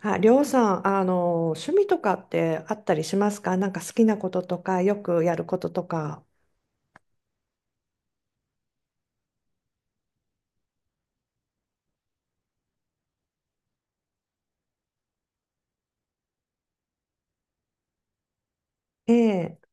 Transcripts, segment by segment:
あ、りょうさん、趣味とかってあったりしますか？なんか好きなこととか、よくやることとか。ええ。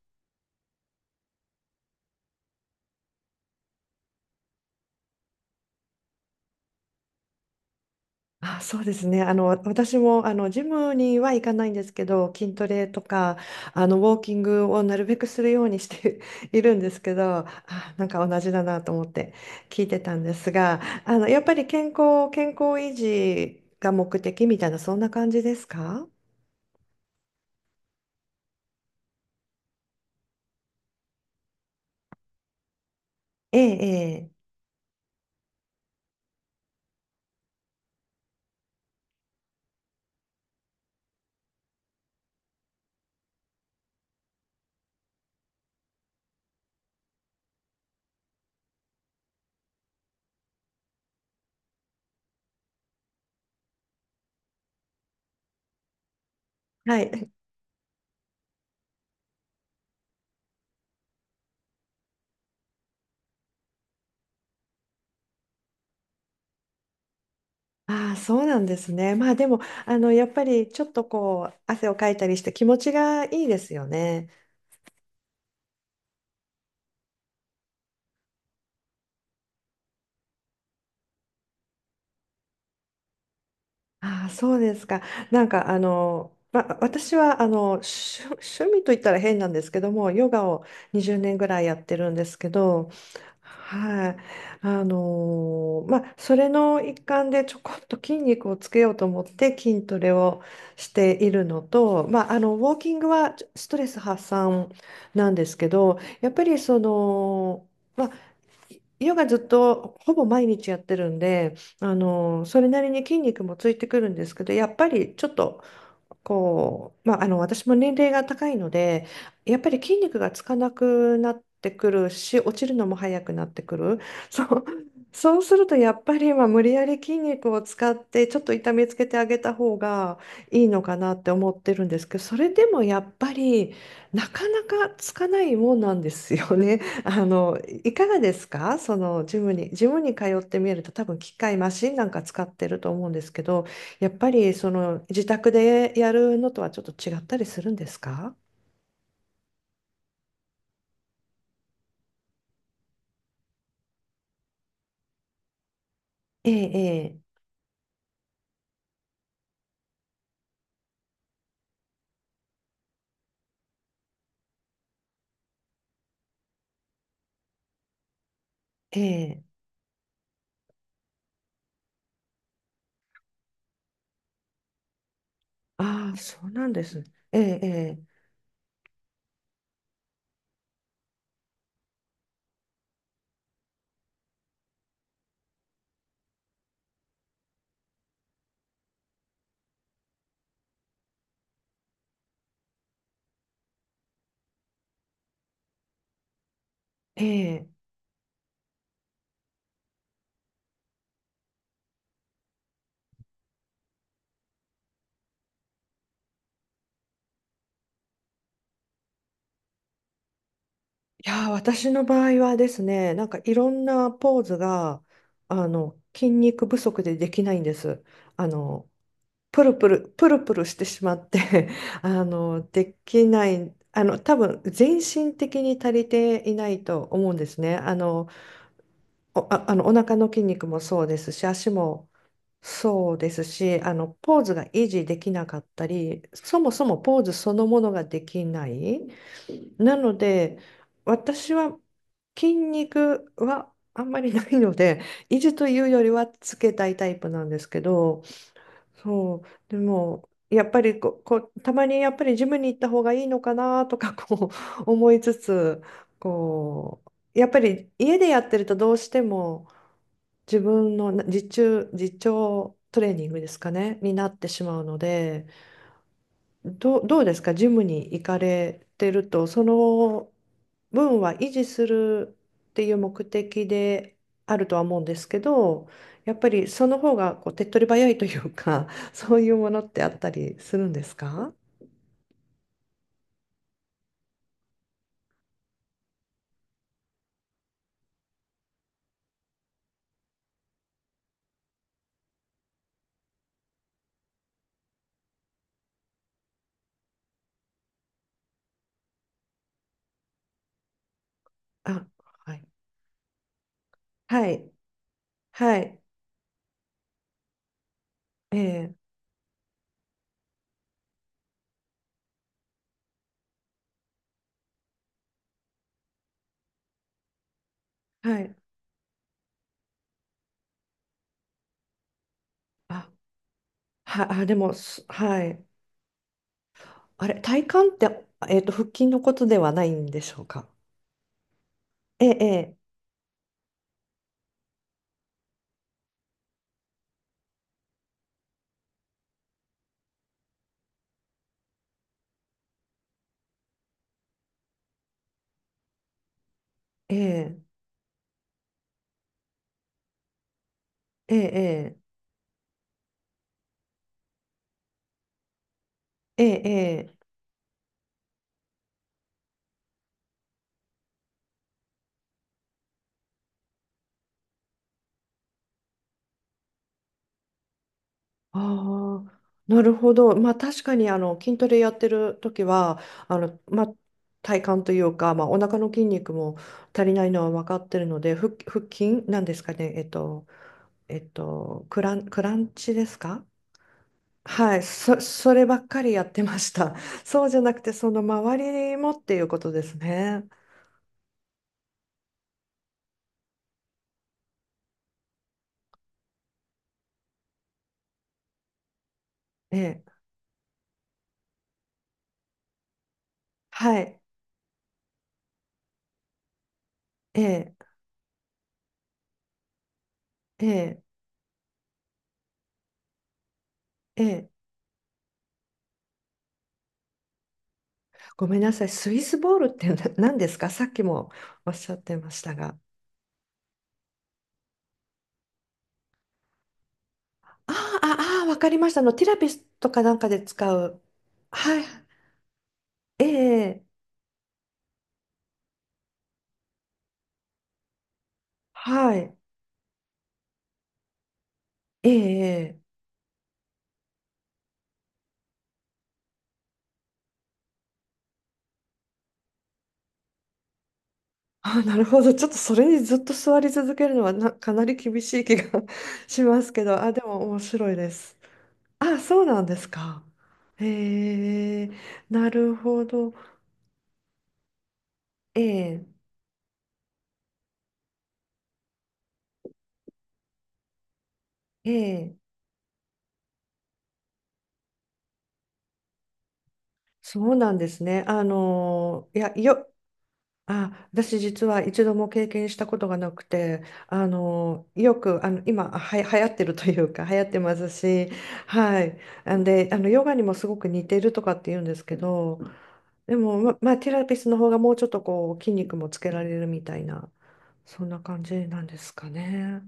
あ、そうですね。私も、ジムには行かないんですけど、筋トレとか、ウォーキングをなるべくするようにして いるんですけど、あ、なんか同じだなと思って聞いてたんですが、やっぱり健康維持が目的みたいな、そんな感じですか？ええ、ええ。はい。ああ、そうなんですね。まあでも、やっぱりちょっとこう、汗をかいたりして気持ちがいいですよね。ああ、そうですか。なんか、まあ、私は、趣味と言ったら変なんですけども、ヨガを20年ぐらいやってるんですけど、はい、まあそれの一環でちょこっと筋肉をつけようと思って筋トレをしているのと、まあ、ウォーキングはストレス発散なんですけど、やっぱりその、まあ、ヨガずっとほぼ毎日やってるんで、それなりに筋肉もついてくるんですけど、やっぱりちょっとこう、まあ、私も年齢が高いのでやっぱり筋肉がつかなくなってくるし、落ちるのも早くなってくる そう、そうするとやっぱりまあ無理やり筋肉を使ってちょっと痛めつけてあげた方がいいのかなって思ってるんですけど、それでもやっぱりなかなかつかないもんなんですよね。いかがですか？そのジムに通ってみると多分機械マシンなんか使ってると思うんですけど、やっぱりその自宅でやるのとはちょっと違ったりするんですか？ええ、ええ、ええ。ああー、そうなんですね。ええ、ええ、ええ。いやー、私の場合はですね、なんかいろんなポーズが、筋肉不足でできないんです。あの、プルプル、プルプルしてしまって できない、多分、全身的に足りていないと思うんですね。お腹の筋肉もそうですし、足もそうですし、ポーズが維持できなかったり、そもそもポーズそのものができない。なので、私は筋肉はあんまりないので、維持というよりはつけたいタイプなんですけど、そう、でも、やっぱりこう、たまにやっぱりジムに行った方がいいのかなとか、こう、思いつつ、こう、やっぱり家でやってるとどうしても、自分の自重、トレーニングですかね、になってしまうので、どうですか、ジムに行かれてると、その分は維持するっていう目的であるとは思うんですけど、やっぱりその方がこう手っ取り早いというか、そういうものってあったりするんですか？あ、はい。はい。はい。ええ、はい。あ、あ、でも、はい。あれ、体幹って、腹筋のことではないんでしょうか。ええ、ええ、ええ、ええ、ええ、ああー、なるほど。まあ、確かに、筋トレやってる時は、まあ、体幹というか、まあ、お腹の筋肉も足りないのは分かってるので、腹筋なんですかね。クランチですか？はい、そればっかりやってました。そうじゃなくて、その周りもっていうことですね。ええ、はい、ええ、ええ、ええ。ごめんなさい、スイスボールって何ですか？さっきもおっしゃってましたが。ああ、ああ、わかりました。ティラピスとかなんかで使う。はい、ええ、はい、ええ、ええ。あ、なるほど。ちょっとそれにずっと座り続けるのはかなり厳しい気が しますけど、あ、でも面白いです。あ、そうなんですか。へえ、なるほど。ええ、ええ、そうなんですね。いや、あ、私実は一度も経験したことがなくて、よく、今、流行ってるというか、流行ってますし、はい。んで、ヨガにもすごく似てるとかって言うんですけど、でも、まあ、ティラピスの方がもうちょっとこう、筋肉もつけられるみたいな、そんな感じなんですかね。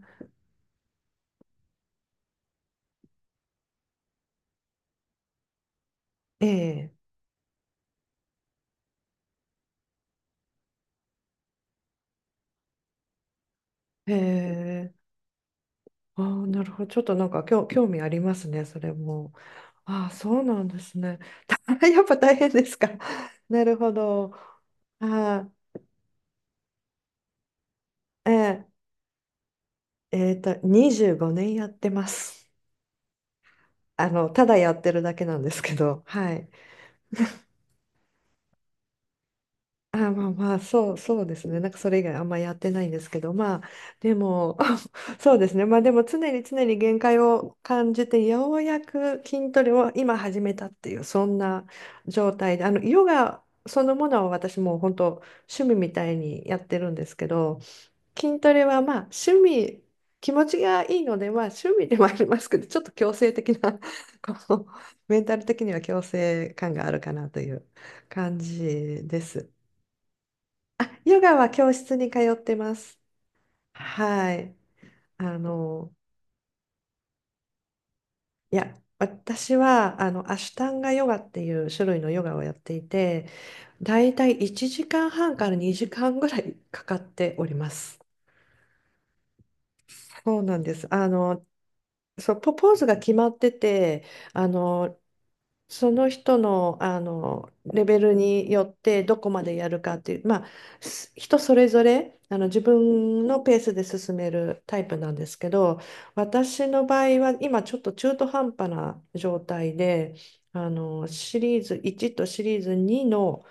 ええ、へえ。ああ、なるほど。ちょっとなんか興味ありますね、それも。ああ、そうなんですね。やっぱ大変ですか？なるほど。ああ、ええ25年やってます。ただやってるだけなんですけど、はい。あ、まあまあ、そうですね。なんかそれ以外あんまやってないんですけど、まあ、でも、そうですね。まあでも常に常に限界を感じて、ようやく筋トレを今始めたっていう、そんな状態で、ヨガそのものは私もう本当趣味みたいにやってるんですけど、筋トレはまあ趣味、気持ちがいいので、まあ趣味でもありますけど、ちょっと強制的な、こう、メンタル的には強制感があるかなという感じです。ヨガは教室に通ってます。はい。あの、いや、私はアシュタンガヨガっていう種類のヨガをやっていて、だいたい1時間半から2時間ぐらいかかっております。そうなんです。そう、ポーズが決まってて、あの、その人の、レベルによってどこまでやるかっていう、まあ、人それぞれ自分のペースで進めるタイプなんですけど、私の場合は今ちょっと中途半端な状態でシリーズ1とシリーズ2の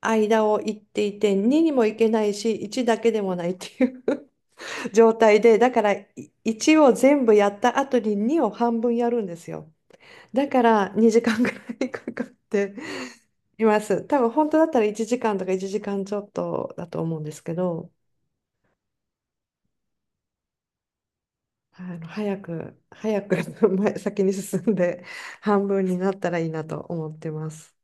間を行っていて、2にも行けないし1だけでもないっていう 状態で、だから1を全部やった後に2を半分やるんですよ。だから2時間ぐらいかかっています。多分本当だったら1時間とか1時間ちょっとだと思うんですけど、早く早く 先に進んで半分になったらいいなと思ってます。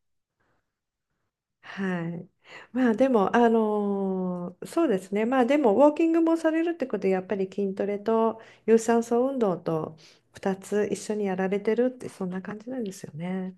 はい。まあでも、そうですね。まあでも、ウォーキングもされるってことで、やっぱり筋トレと有酸素運動と2つ一緒にやられてるって、そんな感じなんですよね。